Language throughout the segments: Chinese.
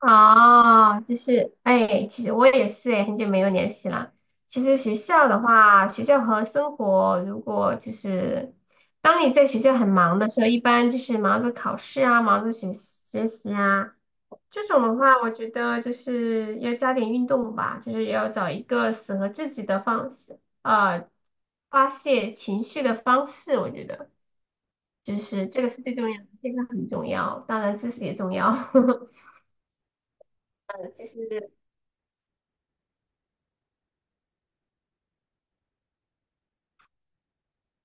哦，就是，哎，其实我也是，哎，很久没有联系了。其实学校的话，学校和生活，如果就是，当你在学校很忙的时候，一般就是忙着考试啊，忙着学习学习啊，这种的话，我觉得就是要加点运动吧，就是要找一个适合自己的方式，发泄情绪的方式，我觉得就是这个是最重要的，健康很重要，当然知识也重要。就是。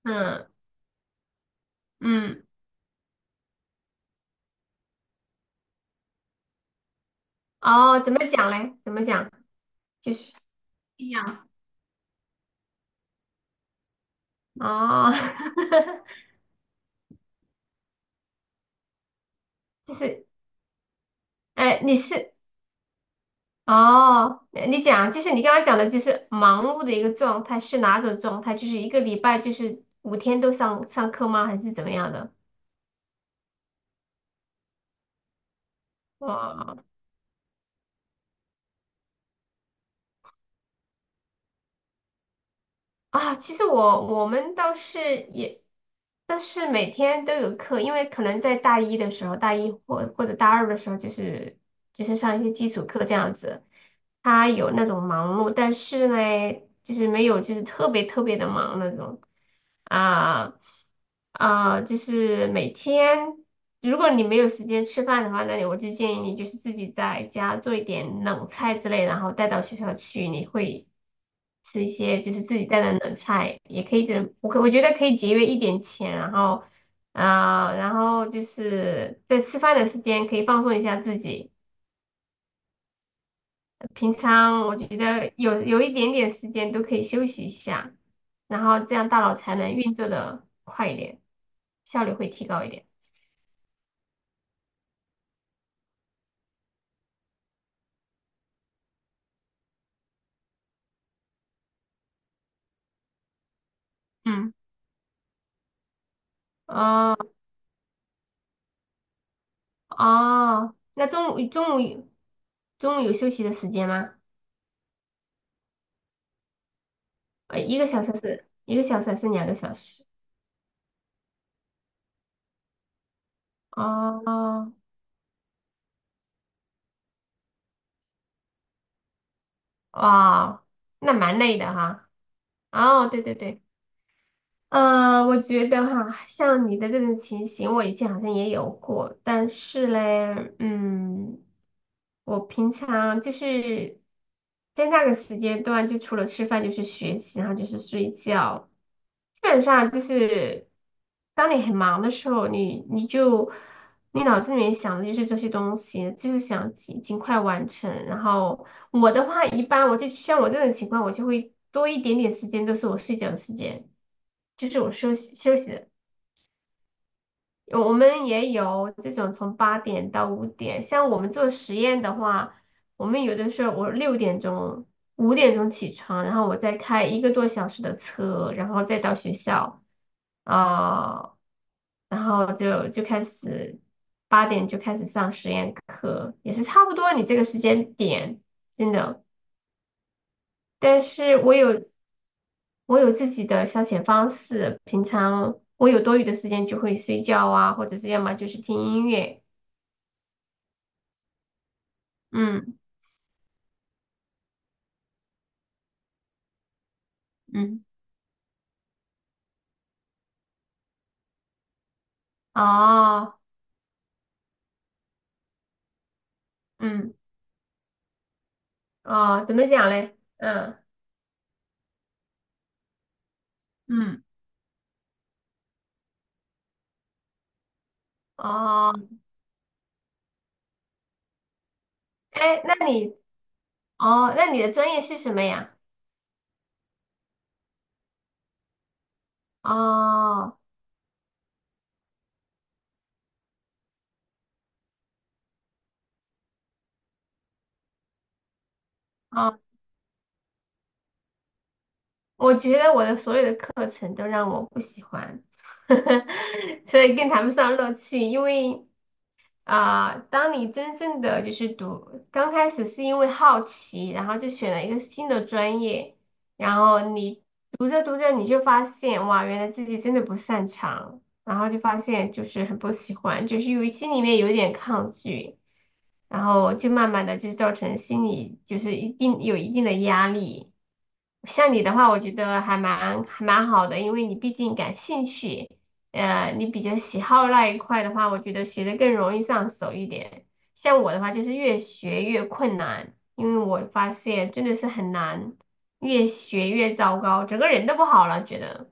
嗯嗯，哦，怎么讲嘞？怎么讲？就是一样，哦，就是，哎，你讲，就是你刚刚讲的，就是忙碌的一个状态是哪种状态？就是一个礼拜就是5天都上课吗？还是怎么样的？哇啊，其实我们倒是也，但是每天都有课，因为可能在大一的时候，大一或者大二的时候，就是上一些基础课这样子，他有那种忙碌，但是呢，就是没有就是特别特别的忙那种。啊就是每天如果你没有时间吃饭的话，我就建议你就是自己在家做一点冷菜之类，然后带到学校去，你会。吃一些就是自己带的冷菜，也可以这，我觉得可以节约一点钱，然后就是在吃饭的时间可以放松一下自己。平常我觉得有一点点时间都可以休息一下，然后这样大脑才能运作的快一点，效率会提高一点。嗯，哦哦，那中午有休息的时间吗？一个小时还是两个小时？哦哇，那蛮累的哈。哦，对对对，我觉得哈，像你的这种情形，我以前好像也有过，但是嘞，我平常就是在那个时间段，就除了吃饭就是学习，然后就是睡觉，基本上就是。当你很忙的时候，你脑子里面想的就是这些东西，就是想尽快完成。然后我的话，一般我就像我这种情况，我就会多一点点时间都是我睡觉的时间，就是我休息休息的。我们也有这种从8点到5点，像我们做实验的话，我们有的时候我6点钟、5点钟起床，然后我再开一个多小时的车，然后再到学校。啊、然后就开始，八点就开始上实验课，也是差不多你这个时间点，真的。但是我有自己的消遣方式，平常我有多余的时间就会睡觉啊，或者是要么就是听音乐。嗯，嗯哦，嗯哦，怎么讲嘞？嗯，嗯，哦，哎，那你的专业是什么呀？哦哦。我觉得我的所有的课程都让我不喜欢，所以更谈不上乐趣。因为当你真正的就是读，刚开始是因为好奇，然后就选了一个新的专业，然后你读着读着你就发现，哇，原来自己真的不擅长，然后就发现就是很不喜欢，就是有心里面有一点抗拒。然后就慢慢的就造成心理就是一定有一定的压力。像你的话，我觉得还蛮好的，因为你毕竟感兴趣，你比较喜好那一块的话，我觉得学的更容易上手一点。像我的话，就是越学越困难，因为我发现真的是很难，越学越糟糕，整个人都不好了，觉得。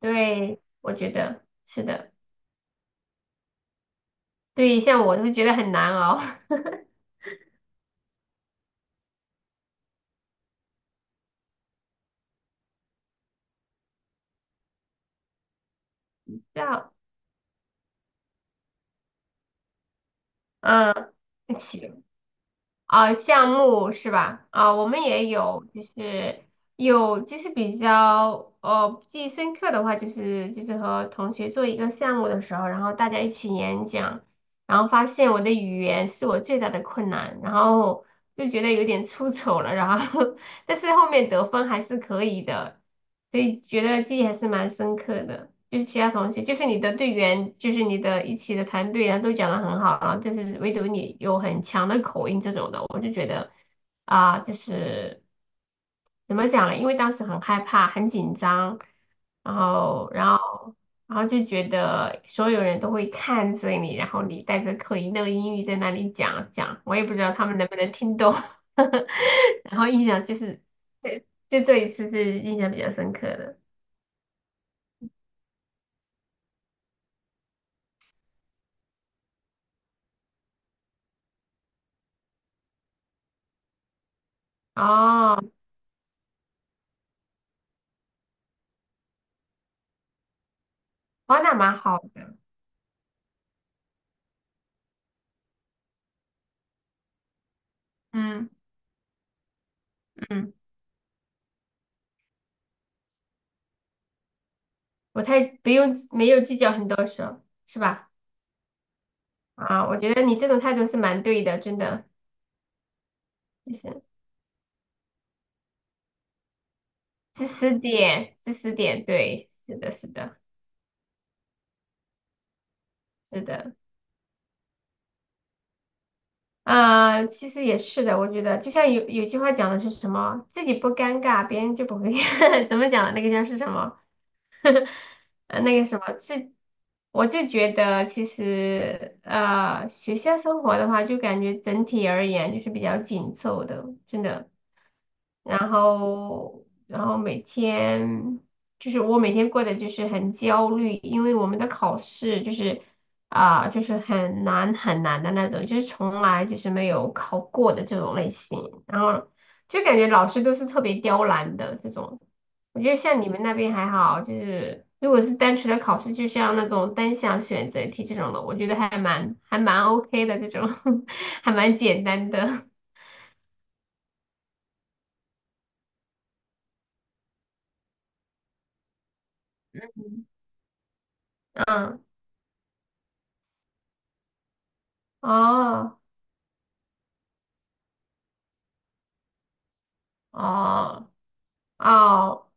对，我觉得是的，对，像我都觉得很难熬。这样，嗯，起。项目是吧？我们也有，就是比较记忆深刻的话，就是和同学做一个项目的时候，然后大家一起演讲，然后发现我的语言是我最大的困难，然后就觉得有点出丑了，然后 但是后面得分还是可以的，所以觉得记忆还是蛮深刻的。就是其他同学，就是你的队员，就是你的一起的团队啊，都讲的很好啊，然后就是唯独你有很强的口音这种的，我就觉得就是怎么讲呢？因为当时很害怕，很紧张，然后，然后，然后就觉得所有人都会看着你，然后你带着口音那个英语在那里讲讲，我也不知道他们能不能听懂。然后印象就是，对，就这一次是印象比较深刻的。哦，哇，那蛮好的。嗯嗯，我太不用没有计较很多事儿，是吧？啊，我觉得你这种态度是蛮对的，真的，就是知识点，知识点，对，是的，是的，是的。其实也是的，我觉得就像有句话讲的是什么，自己不尴尬，别人就不会 怎么讲的那个叫是什么？那个什么，我就觉得其实学校生活的话，就感觉整体而言就是比较紧凑的，真的。然后每天就是我每天过得就是很焦虑，因为我们的考试就是就是很难很难的那种，就是从来就是没有考过的这种类型，然后就感觉老师都是特别刁难的这种。我觉得像你们那边还好，就是如果是单纯的考试，就像那种单项选择题这种的，我觉得还蛮 OK 的这种，还蛮简单的。嗯，哦。哦哦，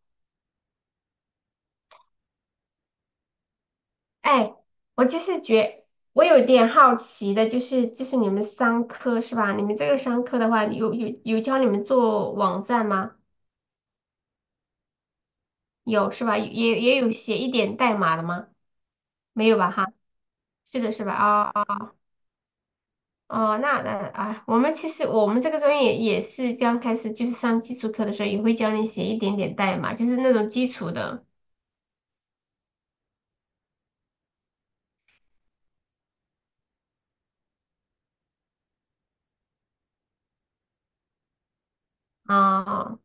哎，我就是觉，我有点好奇的，就是你们商科是吧？你们这个商科的话，有教你们做网站吗？有是吧？也有写一点代码的吗？没有吧？哈，是的，是吧？哦哦哦，那啊，其实我们这个专业也是刚开始就是上基础课的时候，也会教你写一点点代码，就是那种基础的。啊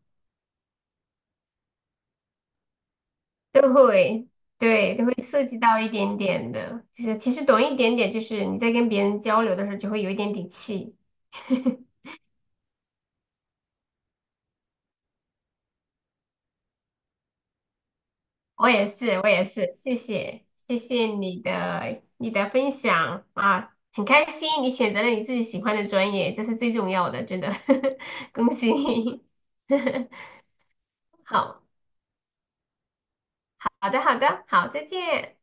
都会，对，都会涉及到一点点的。其实，其实懂一点点，就是你在跟别人交流的时候，就会有一点底气。我也是，我也是，谢谢，谢谢你的分享啊，很开心你选择了你自己喜欢的专业，这是最重要的，真的，恭喜你。好，好的，好的，好，再见。